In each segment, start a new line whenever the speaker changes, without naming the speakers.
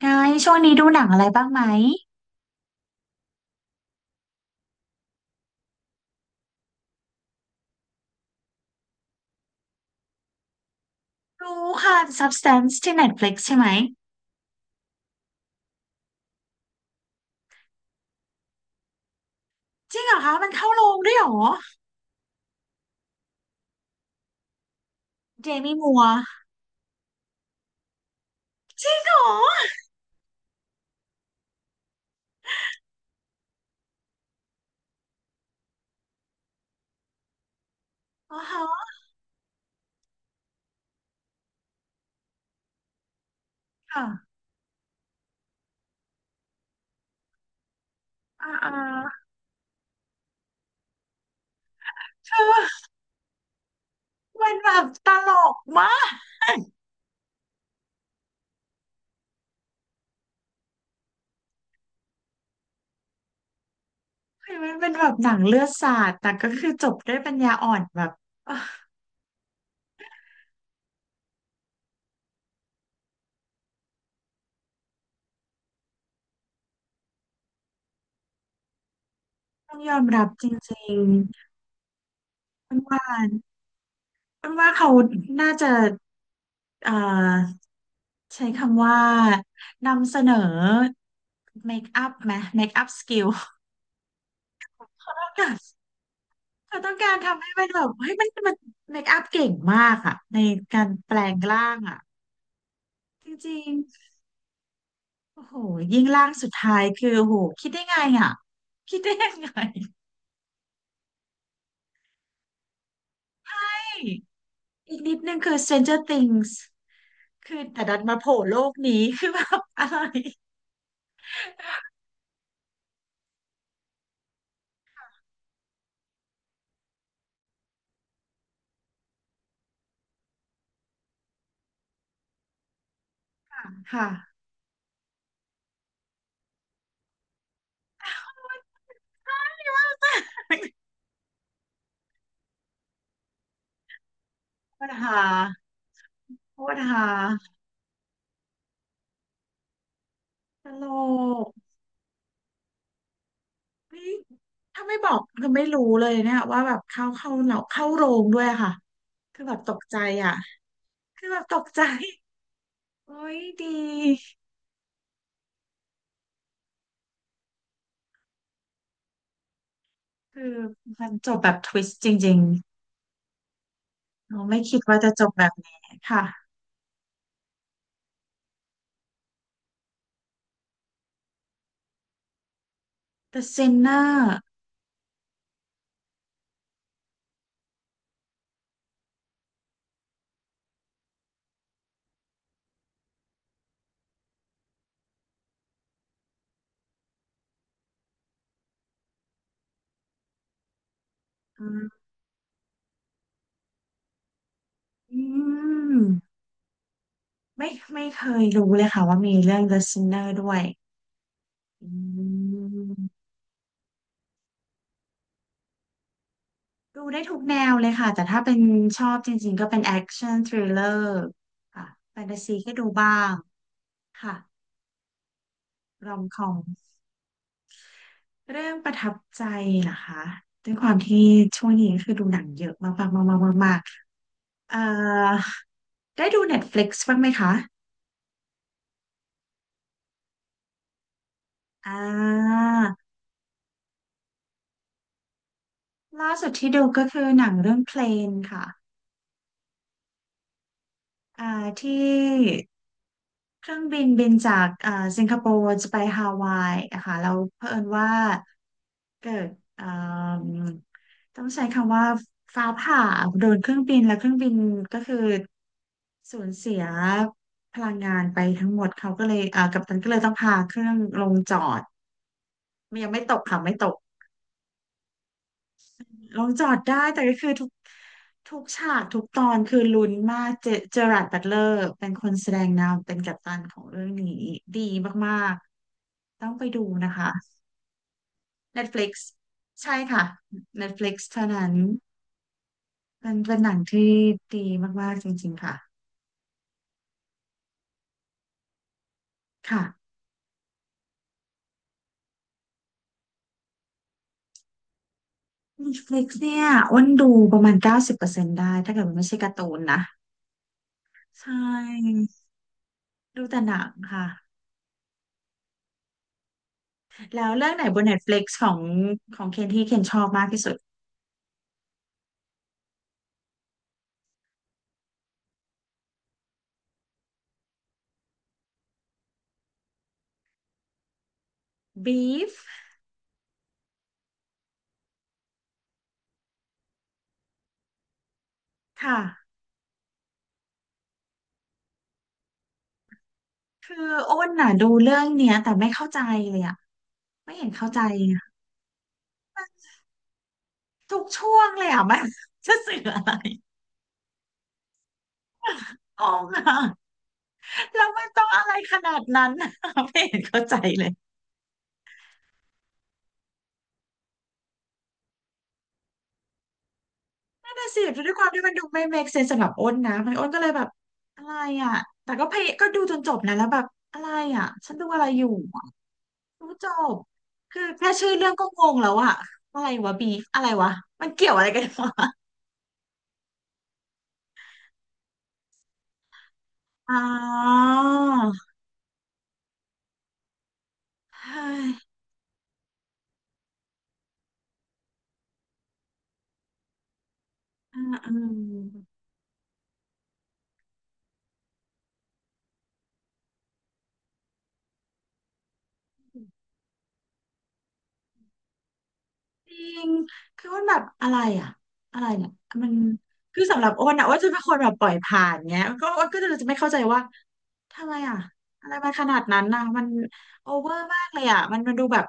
ไงช่วงนี้ดูหนังอะไรบ้างไหมดูค่ะ Substance ที่ Netflix ใช่ไหมจริงเหรอคะมันเข้าโรงด้วยเหรอเดมี่มัวร์จริงเหรออ๋อฮะค่ะอ่าอ่าคือมันแบบตลกมากเฮมันเป็นแบบหนังเลือดสาดแต่ก็คือจบด้วยปัญญาอ่อนแบบอ่ะต้องยอมรับจริงๆมันว่ามันว่าเขาน่าจะเอ่อใช้คำว่านำเสนอเมคอัพไหมเมคอัพสกิล เขาต้องการทำให้มันแบบเฮ้ยมันมันเมคอัพเก่งมากอะในการแปลงร่างอะจริงๆโอ้โหยิ่งร่างสุดท้ายคือโอ้โหคิดได้ไงอะคิดได้ยังไงอีกนิดนึงคือ Stranger Things คือแต่ดันมาโผล่โลกนี้คือแบบอะไรค่ะปัญหาปัญหาตลกเฮ้ยถ้าไม่บอกคือไม่รู้เลยเนี่ยว่าแบบเข้าเราเข้าโรงด้วยอะค่ะคือแบบตกใจอ่ะคือแบบตกใจ โอ้ยดีคือมันจบแบบทวิสต์จริงๆเราไม่คิดว่าจะจบแบบนี้ค่ะ The Sinner อืมไม่ไม่เคยรู้เลยค่ะว่ามีเรื่อง The Sinner ด้วยอืมดูได้ทุกแนวเลยค่ะแต่ถ้าเป็นชอบจริงๆก็เป็นแอคชั่นทริลเลอร์ค่ะแฟนตาซีก็ดูบ้างค่ะรอมคอมเรื่องประทับใจเหรอคะด้วยความที่ช่วงนี้คือดูหนังเยอะมากๆๆๆๆได้ดู Netflix บ้างไหมคะอ่าล่าสุดที่ดูก็คือหนังเรื่องเพลนค่ะอ่าที่เครื่องบินบินจากสิงคโปร์จะไปฮาวายนะคะแล้วเผอิญว่าเกิดอ่ามต้องใช้คำว่าฟ้าผ่าโดนเครื่องบินแล้วเครื่องบินก็คือสูญเสียพลังงานไปทั้งหมดเขาก็เลยกัปตันก็เลยต้องพาเครื่องลงจอดยังไม่ตกค่ะไม่ตก ลงจอดได้แต่ก็คือทุกฉากทุกตอนคือลุ้นมากเจเจอราร์ดบัตเลอร์เป็นคนแสดงนำเป็นกัปตันของเรื่องนี้ดีมากๆต้องไปดูนะคะ Netflix ใช่ค่ะ Netflix เท่านั้นเป็นเป็นหนังที่ดีมากๆจริงๆค่ะค่ะ Netflix เนี่ยอ้วนดูประมาณ90%ได้ถ้าเกิดมันไม่ใช่การ์ตูนนะใช่ดูแต่หนังค่ะแล้วเรื่องไหนบน Netflix ของของเคนที่เคนชอบมากที่สุด บีฟค่ะคืออ้นน่ะดูเรื่องเนี้ยแต่ไม่เข้าใจเลยอ่ะไม่เห็นเข้าใจอะทุกช่วงเลยอ่ะมันจะสื่ออะไรงงอ่ะแล้วมันต้องอะไรขนาดนั้นอะไม่เห็นเข้าใจเลยนั่นน่ะสิด้วยความที่มันดูไม่ make sense สำหรับอ้นนะมันอ้นก็เลยแบบอะไรอ่ะแต่ก็พยก็ดูจนจบนะแล้วแบบอะไรอ่ะฉันดูอะไรอยู่อะดูจบคือแค่ชื่อเรื่องก็งงแล้วอ่ะอะไรวะบีฟอะไรวะมันเกี่ยวอะไรกันวะ อ๋อเฮ้ย อ่าอ่าจริงคืออ้วนแบบอะไรอ่ะอะไรเนี่ยมันคือสำหรับอ้วนอ่ะอ้วนจะเป็นคนแบบปล่อยผ่านเงี้ยก็อ้วนก็จะไม่เข้าใจว่าทำไมอ่ะอะไรมันขนาดนั้นนะมันโอเวอร์มากเลยอ่ะมันมันดูแบบ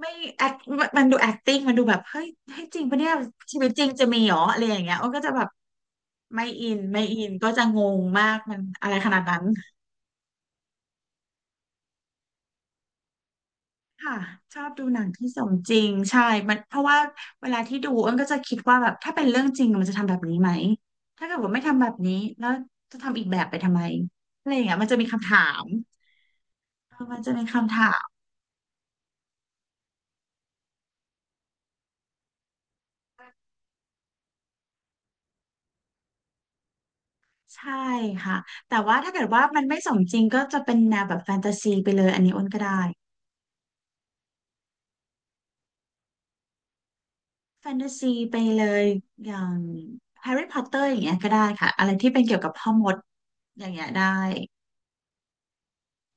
ไม่แอคมันดู acting มันดูแบบเฮ้ยเฮ้ยจริงปะเนี่ยชีวิตจริงจะมีเหรออะไรอย่างเงี้ยอ้วนก็จะแบบไม่อินก็จะงงมากมันอะไรขนาดนั้น ค่ะชอบดูหนังที่สมจริงใช่มันเพราะว่าเวลาที่ดูอ้นก็จะคิดว่าแบบถ้าเป็นเรื่องจริงมันจะทำแบบนี้ไหมถ้าเกิดว่าไม่ทำแบบนี้แล้วจะทำอีกแบบไปทำไมอะไรอย่างเงี้ยมันจะมีคำถามเออมันจะมีคำถามใช่ค่ะแต่ว่าถ้าเกิดว่ามันไม่สมจริงก็จะเป็นแนวแบบแฟนตาซีไปเลยอันนี้อ้นก็ได้แฟนตาซีไปเลยอย่างแฮร์รี่พอตเตอร์อย่างเงี้ยก็ได้ค่ะอะไรที่เป็นเกี่ยวกับพ่อมดอย่างเงี้ยได้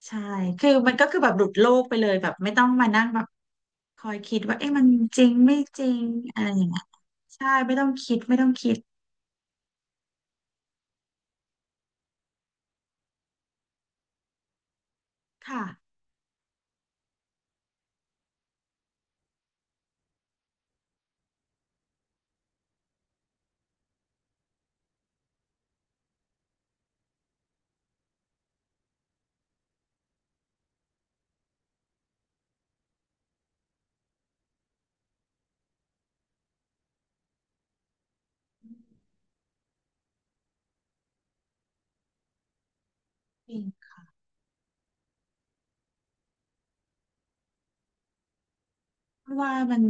ใช่คือมันก็คือแบบหลุดโลกไปเลยแบบไม่ต้องมานั่งแบบคอยคิดว่าเอ๊ะมันจริงไม่จริงอะไรอย่างเงี้ยใช่ไม่ต้องคิดไม่ต้องคิดค่ะจริงว่ามัน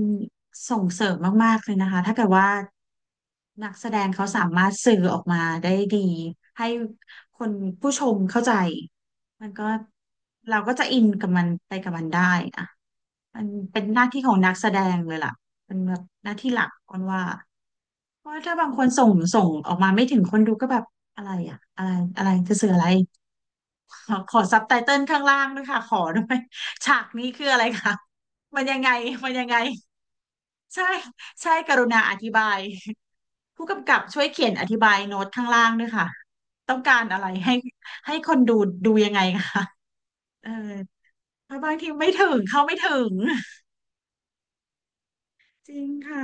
ส่งเสริมมากๆเลยนะคะถ้าเกิดว่านักแสดงเขาสามารถสื่อออกมาได้ดีให้คนผู้ชมเข้าใจมันก็เราก็จะอินกับมันไปกับมันได้อะมันเป็นหน้าที่ของนักแสดงเลยล่ะเป็นแบบหน้าที่หลักคนว่า เพราะว่าถ้าบางคนส่งออกมาไม่ถึงคนดูก็แบบอะไรอ่ะอะไรอะไรจะสื่ออะไรขอซับไตเติลข้างล่างด้วยค่ะขอด้วย ฉากนี้คืออะไรคะมันยังไงมันยังไงใช่ใช่กรุณาอธิบายผู้กำกับช่วยเขียนอธิบายโน้ตข้างล่างด้วยค่ะต้องการอะไรให้ให้คนดูดูยังไงคะเออเพราะบางทีไม่ถึงเข้าไม่ถึงจริงค่ะ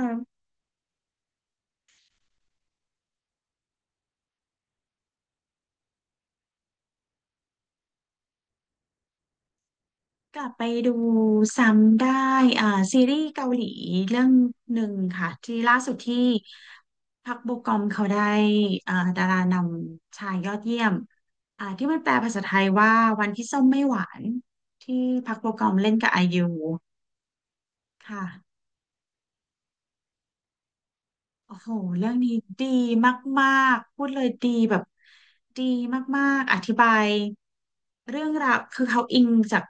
กลับไปดูซ้ำได้อ่าซีรีส์เกาหลีเรื่องหนึ่งค่ะที่ล่าสุดที่พักโบกอมเขาได้ดารานำชายยอดเยี่ยมที่มันแปลภาษาไทยว่าวันที่ส้มไม่หวานที่พักโบกอมเล่นกับไอยูค่ะ โอ้โห เรื่องนี้ดีมากๆพูดเลยดีแบบดีมากๆอธิบายเรื่องราวคือเขาอิงจาก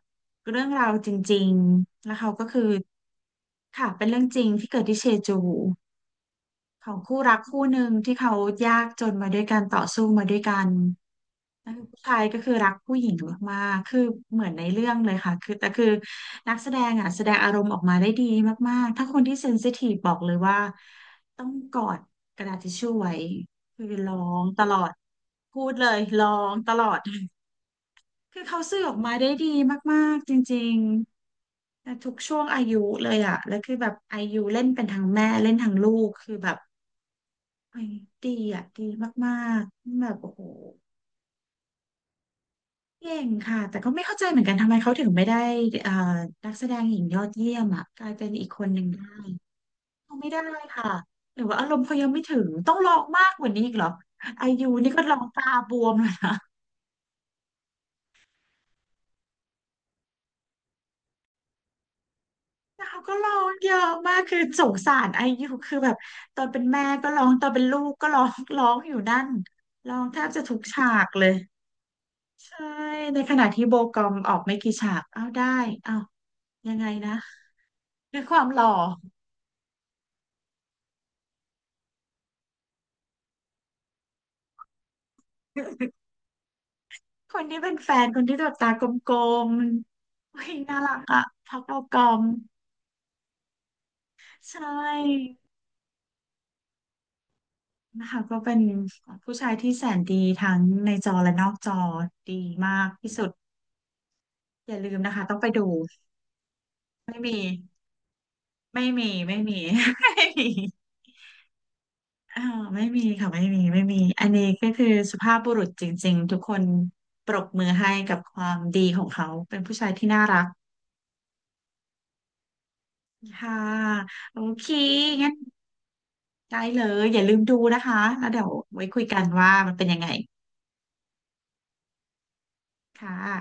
เรื่องราวจริงๆ แล้วเขาก็คือค่ะเป็นเรื่องจริงที่เกิดที่เชจู ของคู่รักคู่หนึ่งที่เขายากจนมาด้วยกันต่อสู้มาด้วยกันนั่นคือผู้ชายก็คือรักผู้หญิงมากๆคือเหมือนในเรื่องเลยค่ะคือแต่คือนักแสดงอ่ะแสดงอารมณ์ออกมาได้ดีมากๆถ้าคนที่เซนซิทีฟบอกเลยว่าต้องกอดกระดาษทิชชู่ไว้คือร้องตลอดพูดเลยร้องตลอดคือเขาสื่อออกมาได้ดีมากๆจริงๆแต่ทุกช่วงอายุเลยอ่ะแล้วคือแบบอายุเล่นเป็นทั้งแม่เล่นทั้งลูกคือแบบ ไอ้ยดีอ่ะดีมากๆแบบโอ้โหเก่งค่ะแต่ก็ไม่เข้าใจเหมือนกันทำไมเขาถึงไม่ได้เอ่อนักแสดงหญิงยอดเยี่ยมอ่ะกลายเป็นอีกคนหนึ่งได้เขาไม่ได้ค่ะหรือว่าอารมณ์เขายังไม่ถึงต้องร้องมากกว่านี้อีกเหรอไอยูนี่ก็ร้องตาบวมเลยนะแต่เขาก็ร้องเยอะมากคือสงสารไอยูคือแบบตอนเป็นแม่ก็ร้องตอนเป็นลูกก็ร้องร้องอยู่นั่นร้องแทบจะทุกฉากเลยใช่ในขณะที่โบกอมออกไม่กี่ฉากเอ้าได้เอ้า ยังไงนะด้วยความหล่อ คนที่เป็นแฟนคนที่แบบตากลมๆวิ่งน่ารักอะพักเอากอมใช่นะคะก็เป็นผู้ชายที่แสนดีทั้งในจอและนอกจอดีมากที่สุดอย่าลืมนะคะต้องไปดูไม่มีไม่มี ไม่มีอ่าไม่มีค่ะไม่มีไม่มีอันนี้ก็คือสุภาพบุรุษจริงๆทุกคนปรบมือให้กับความดีของเขาเป็นผู้ชายที่น่ารักค่ะโอเคงั้น ได้เลยอย่าลืมดูนะคะแล้วเดี๋ยวไว้คุยกันว่ามันเป็นยังไงค่ะ